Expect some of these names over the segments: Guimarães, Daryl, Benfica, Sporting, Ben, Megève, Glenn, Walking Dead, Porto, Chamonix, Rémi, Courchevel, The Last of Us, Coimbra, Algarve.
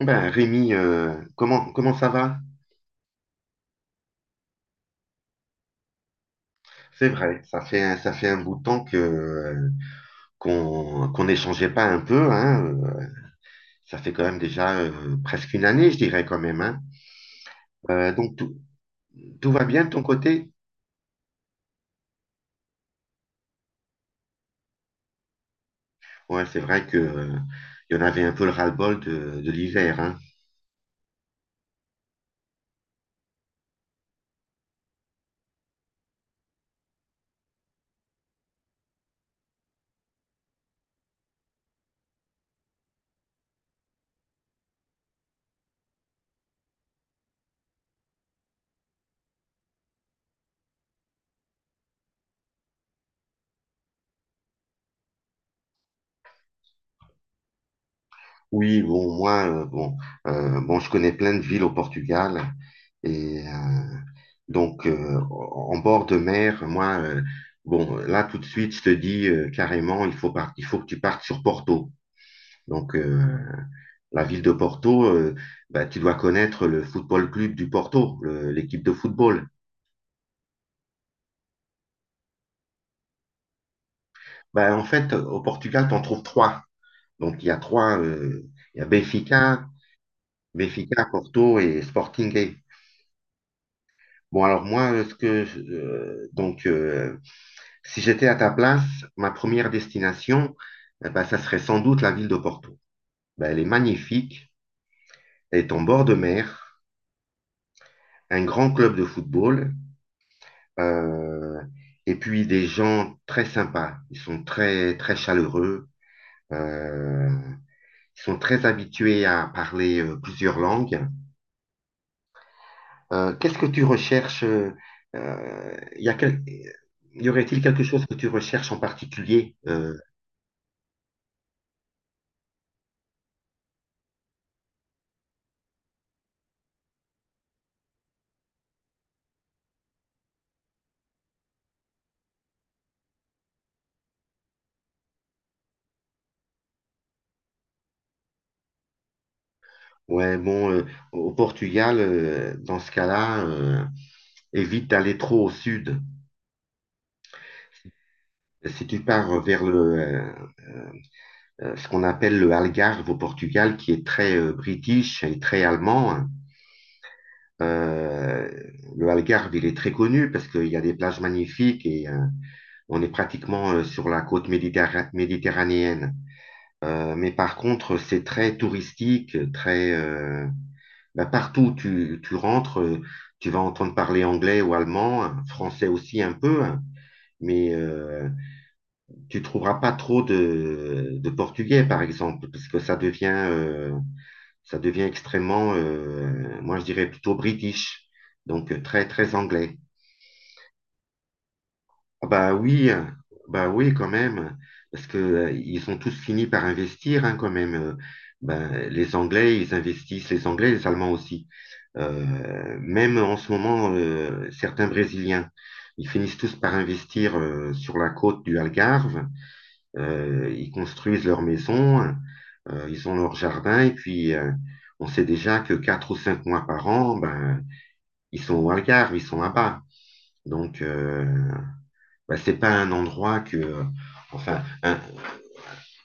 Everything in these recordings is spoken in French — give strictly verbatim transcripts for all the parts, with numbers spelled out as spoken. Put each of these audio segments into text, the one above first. Ben, Rémi, euh, comment, comment ça va? C'est vrai, ça fait, un- ça fait un bout de temps que, euh, qu'on, qu'on n'échangeait pas un peu, hein. euh, Ça fait quand même déjà euh, presque une année, je dirais quand même, hein. Euh, donc, tout, tout va bien de ton côté? Ouais, c'est vrai que, euh, il y en avait un peu le ras-le-bol de, de l'hiver, hein. Oui, bon, moi, euh, bon, euh, bon, je connais plein de villes au Portugal. Et euh, donc, euh, en bord de mer, moi, euh, bon, là, tout de suite, je te dis euh, carrément, il faut, par- il faut que tu partes sur Porto. Donc, euh, la ville de Porto, euh, bah, tu dois connaître le football club du Porto, le- l'équipe de football. Bah, en fait, au Portugal, tu en trouves trois. Donc, il y a trois, euh, il y a Benfica, Benfica, Porto et Sporting. Bon, alors moi, euh, ce que je- euh, donc euh, si j'étais à ta place, ma première destination, eh ben, ça serait sans doute la ville de Porto. Ben, elle est magnifique, elle est en bord de mer, un grand club de football, euh, et puis des gens très sympas. Ils sont très très chaleureux, euh, ils sont très habitués à parler euh, plusieurs langues. Euh, qu'est-ce que tu recherches, euh, euh, y a quel- y aurait-il quelque chose que tu recherches en particulier? euh, Ouais, bon, euh, au Portugal, euh, dans ce cas-là, euh, évite d'aller trop au sud. Si tu pars vers le, euh, euh, ce qu'on appelle le Algarve au Portugal, qui est très euh, british et très allemand, hein. euh, le Algarve, il est très connu parce qu'il y a des plages magnifiques et euh, on est pratiquement euh, sur la côte méditerra- méditerranéenne. Euh, mais par contre, c'est très touristique, très... euh, Bah, partout où tu, tu rentres, euh, tu vas entendre parler anglais ou allemand, hein, français aussi un peu, hein, mais euh, tu trouveras pas trop de, de portugais, par exemple, parce que ça devient, euh, ça devient extrêmement, euh, moi je dirais plutôt british, donc euh, très, très anglais. Ah, bah oui, hein. Bah oui quand même, parce que euh, ils ont tous fini par investir, hein, quand même. Euh, Ben, les Anglais, ils investissent, les Anglais, les Allemands aussi. Euh, même en ce moment, euh, certains Brésiliens, ils finissent tous par investir euh, sur la côte du Algarve. Euh, ils construisent leurs maisons, hein. Euh, ils ont leur jardin, et puis euh, on sait déjà que quatre ou cinq mois par an, ben, ils sont au Algarve, ils sont là-bas. Donc, euh, bah, c'est pas un endroit que, enfin, un-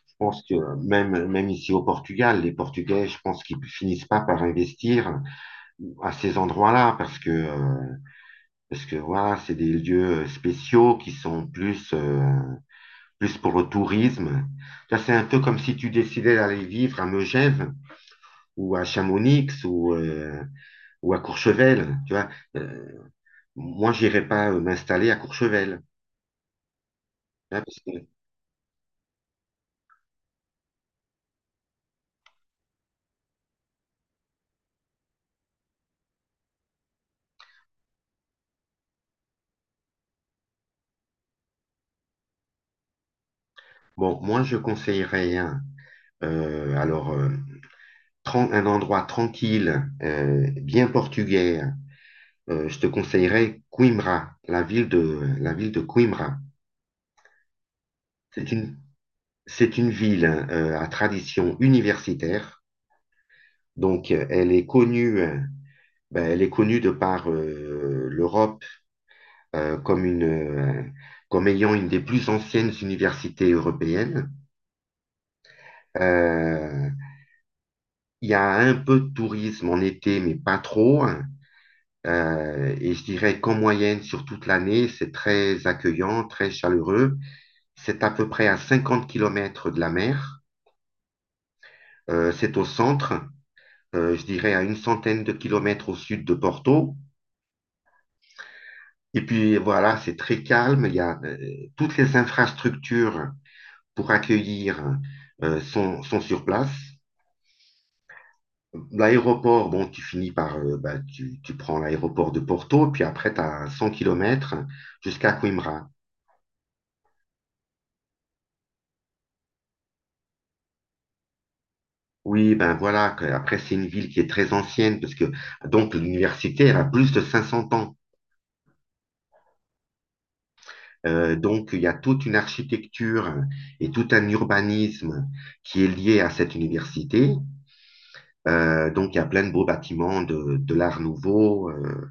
je pense que même, même ici au Portugal, les Portugais, je pense qu'ils finissent pas par investir à ces endroits-là parce que, euh, parce que voilà, c'est des lieux spéciaux qui sont plus, euh, plus pour le tourisme. Là, c'est un peu comme si tu décidais d'aller vivre à Megève ou à Chamonix ou, euh, ou à Courchevel, tu vois. Euh, Moi, j'irais pas euh, m'installer à Courchevel, hein, parce que- bon, moi, je conseillerais, hein, euh, alors, euh, un endroit tranquille, euh, bien portugais, euh, je te conseillerais Coimbra, la ville de, la ville de Coimbra. C'est une, c'est une ville euh, à tradition universitaire, donc euh, elle est connue, euh, ben, elle est connue de par euh, l'Europe euh, comme une, euh, comme ayant une des plus anciennes universités européennes. Euh, il y a un peu de tourisme en été, mais pas trop. Euh, et je dirais qu'en moyenne, sur toute l'année, c'est très accueillant, très chaleureux. C'est à peu près à 50 kilomètres de la mer. Euh, c'est au centre, euh, je dirais à une centaine de kilomètres au sud de Porto. Et puis voilà, c'est très calme. Il y a euh, toutes les infrastructures pour accueillir euh, sont, sont sur place. L'aéroport, bon, tu finis par, euh, bah, tu, tu prends l'aéroport de Porto, puis après, tu as 100 kilomètres jusqu'à Coimbra. Oui, ben voilà, que- après c'est une ville qui est très ancienne, parce que donc l'université, elle a plus de 500 ans. Euh, donc il y a toute une architecture et tout un urbanisme qui est lié à cette université. Euh, donc il y a plein de beaux bâtiments de, de l'Art Nouveau, euh,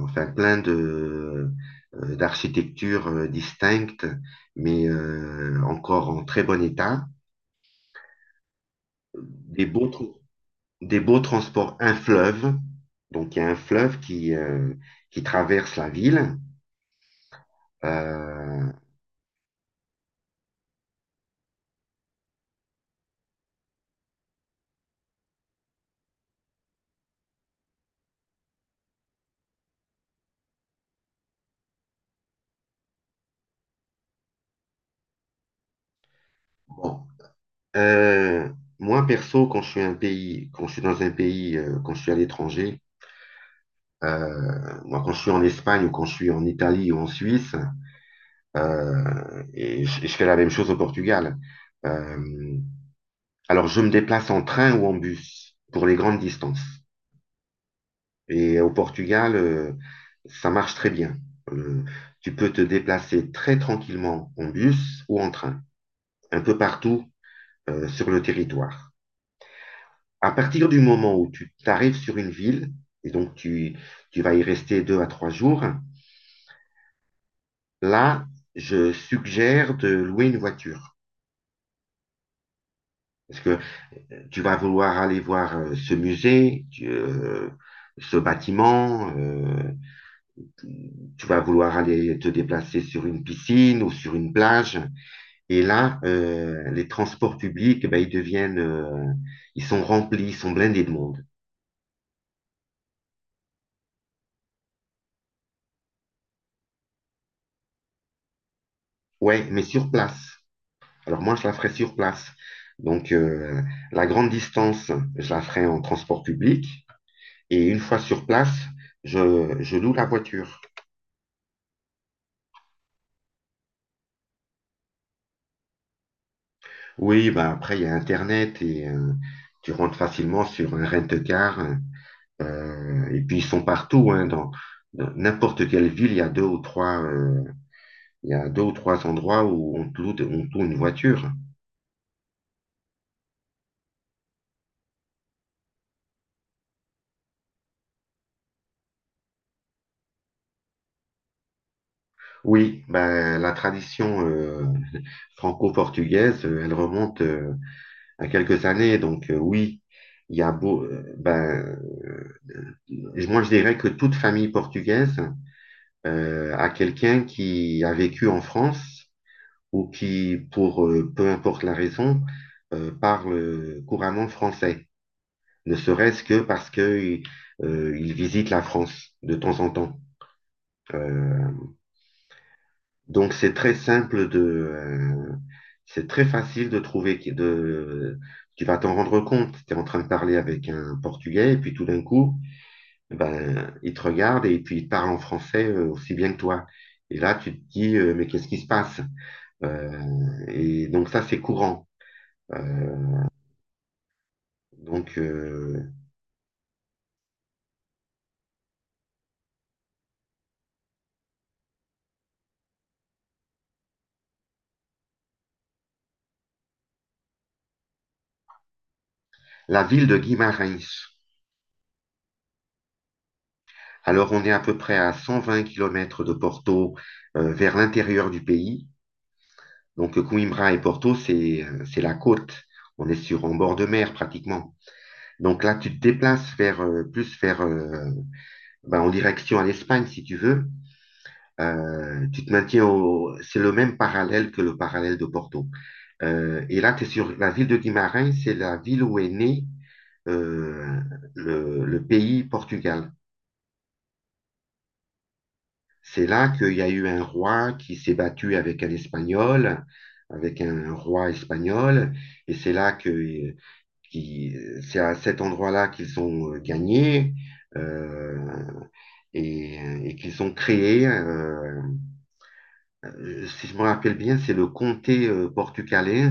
enfin plein de euh, d'architectures euh, distinctes, mais euh, encore en très bon état. Des beaux trucs, des beaux transports, un fleuve. Donc, il y a un fleuve qui, euh, qui traverse la ville. Euh, bon. Euh, Moi, perso, quand je suis un pays, quand je suis dans un pays, euh, quand je suis à l'étranger, euh, moi, quand je suis en Espagne ou quand je suis en Italie ou en Suisse, euh, et je, je fais la même chose au Portugal. Euh, alors, je me déplace en train ou en bus pour les grandes distances. Et au Portugal, euh, ça marche très bien. Euh, Tu peux te déplacer très tranquillement en bus ou en train, un peu partout euh, sur le territoire. À partir du moment où tu arrives sur une ville, et donc tu, tu vas y rester deux à trois jours, là, je suggère de louer une voiture. Parce que euh, tu vas vouloir aller voir euh, ce musée, tu- euh, ce bâtiment, euh, tu vas vouloir aller te déplacer sur une piscine ou sur une plage. Et là, euh, les transports publics, ben, ils deviennent, euh, ils sont remplis, ils sont blindés de monde. Ouais, mais sur place. Alors moi, je la ferai sur place. Donc euh, la grande distance, je la ferai en transport public. Et une fois sur place, je, je loue la voiture. Oui, ben après, il y a Internet et euh, tu rentres facilement sur un rent-car. Euh, et puis, ils sont partout, hein, dans dans n'importe quelle ville, il y a deux ou trois... euh, Il y a deux ou trois endroits où on loue, on loue une voiture. Oui, ben, la tradition euh, franco-portugaise, euh, elle remonte euh, à quelques années. Donc euh, oui, il y a beau, euh, ben, moi je dirais que toute famille portugaise euh, a quelqu'un qui a vécu en France ou qui, pour euh, peu importe la raison, euh, parle couramment français. Ne serait-ce que parce que euh, il visite la France de temps en temps. Euh, Donc, c'est très simple de, euh, c'est très facile de trouver, qui- de, tu vas t'en rendre compte. Tu es en train de parler avec un Portugais et puis tout d'un coup, ben, il te regarde et puis il parle en français euh, aussi bien que toi. Et là, tu te dis, euh, mais qu'est-ce qui se passe? Euh, et donc, ça, c'est courant. Euh, donc, euh, la ville de Guimarães. Alors, on est à peu près à cent vingt kilomètres de Porto, euh, vers l'intérieur du pays. Donc Coimbra et Porto, c'est euh, c'est la côte. On est sur en bord de mer pratiquement. Donc là, tu te déplaces vers euh, plus vers euh, ben, en direction à l'Espagne si tu veux. Euh, tu te maintiens au, c'est le même parallèle que le parallèle de Porto. Euh, et là, tu es sur la ville de Guimarães, c'est la ville où est né euh, le, le pays Portugal. C'est là qu'il y a eu un roi qui s'est battu avec un Espagnol, avec un roi espagnol, et c'est là que euh, qui, c'est à cet endroit-là qu'ils ont euh, gagné, euh, et, et qu'ils ont créé, euh, si je me rappelle bien, c'est le comté euh, portucalais,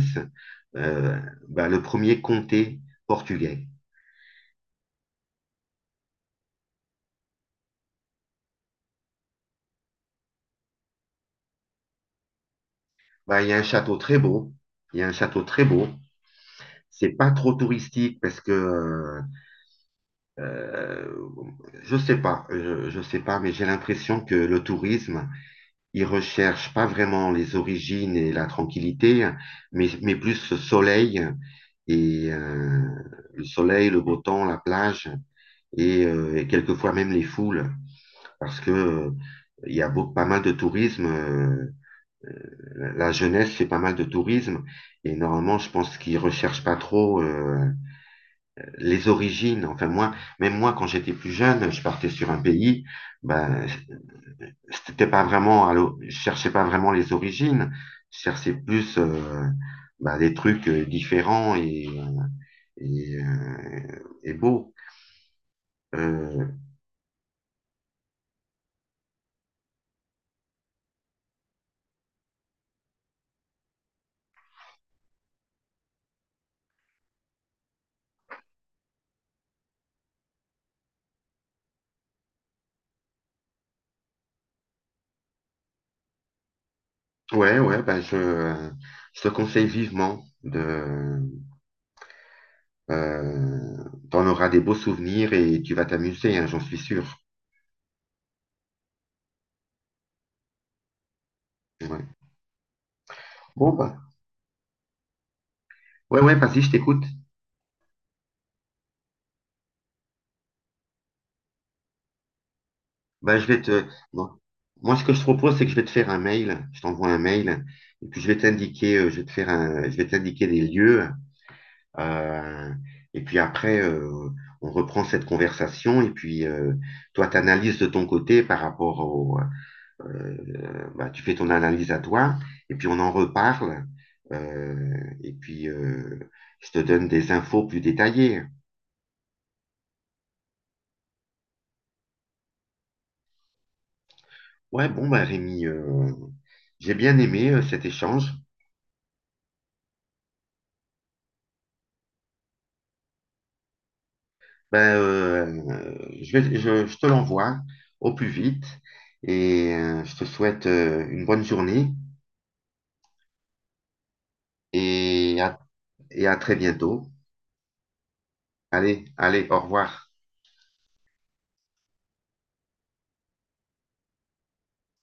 euh, bah, le premier comté portugais. Bah, il y a un château très beau. Il y a un château très beau. C'est pas trop touristique parce que euh, euh, je sais pas, je, je sais pas, mais j'ai l'impression que le tourisme il recherche pas vraiment les origines et la tranquillité, mais, mais plus le soleil et euh, le soleil, le beau temps, la plage et, euh, et quelquefois même les foules, parce que euh, il y a beau- pas mal de tourisme. Euh, euh, la jeunesse fait pas mal de tourisme et normalement, je pense qu'ils recherchent pas trop euh, les origines. Enfin moi, même moi, quand j'étais plus jeune, je partais sur un pays, ben c'était pas vraiment, à l'o- je cherchais pas vraiment les origines, je cherchais plus euh, bah, des trucs euh, différents et, et, euh, et beaux. Euh, ouais, ouais, bah, je, je te conseille vivement de, euh, t'en auras des beaux souvenirs et tu vas t'amuser, hein, j'en suis sûr. Ouais. Bon, bah, ouais, ouais, vas-y, je t'écoute. Bah, je vais te, bon. Moi, ce que je te propose, c'est que je vais te faire un mail, je t'envoie un mail, et puis je vais t'indiquer, euh, je vais te faire un, je vais t'indiquer des lieux. Euh, et puis après, euh, on reprend cette conversation et puis euh, toi, tu analyses de ton côté par rapport au... euh, bah, tu fais ton analyse à toi et puis on en reparle. Euh, et puis, euh, je te donne des infos plus détaillées. Ouais, bon, bah, Rémi, euh, j'ai bien aimé euh, cet échange. Ben, euh, je vais, je, je te l'envoie au plus vite et euh, je te souhaite euh, une bonne journée et à- et à très bientôt. Allez, allez, au revoir.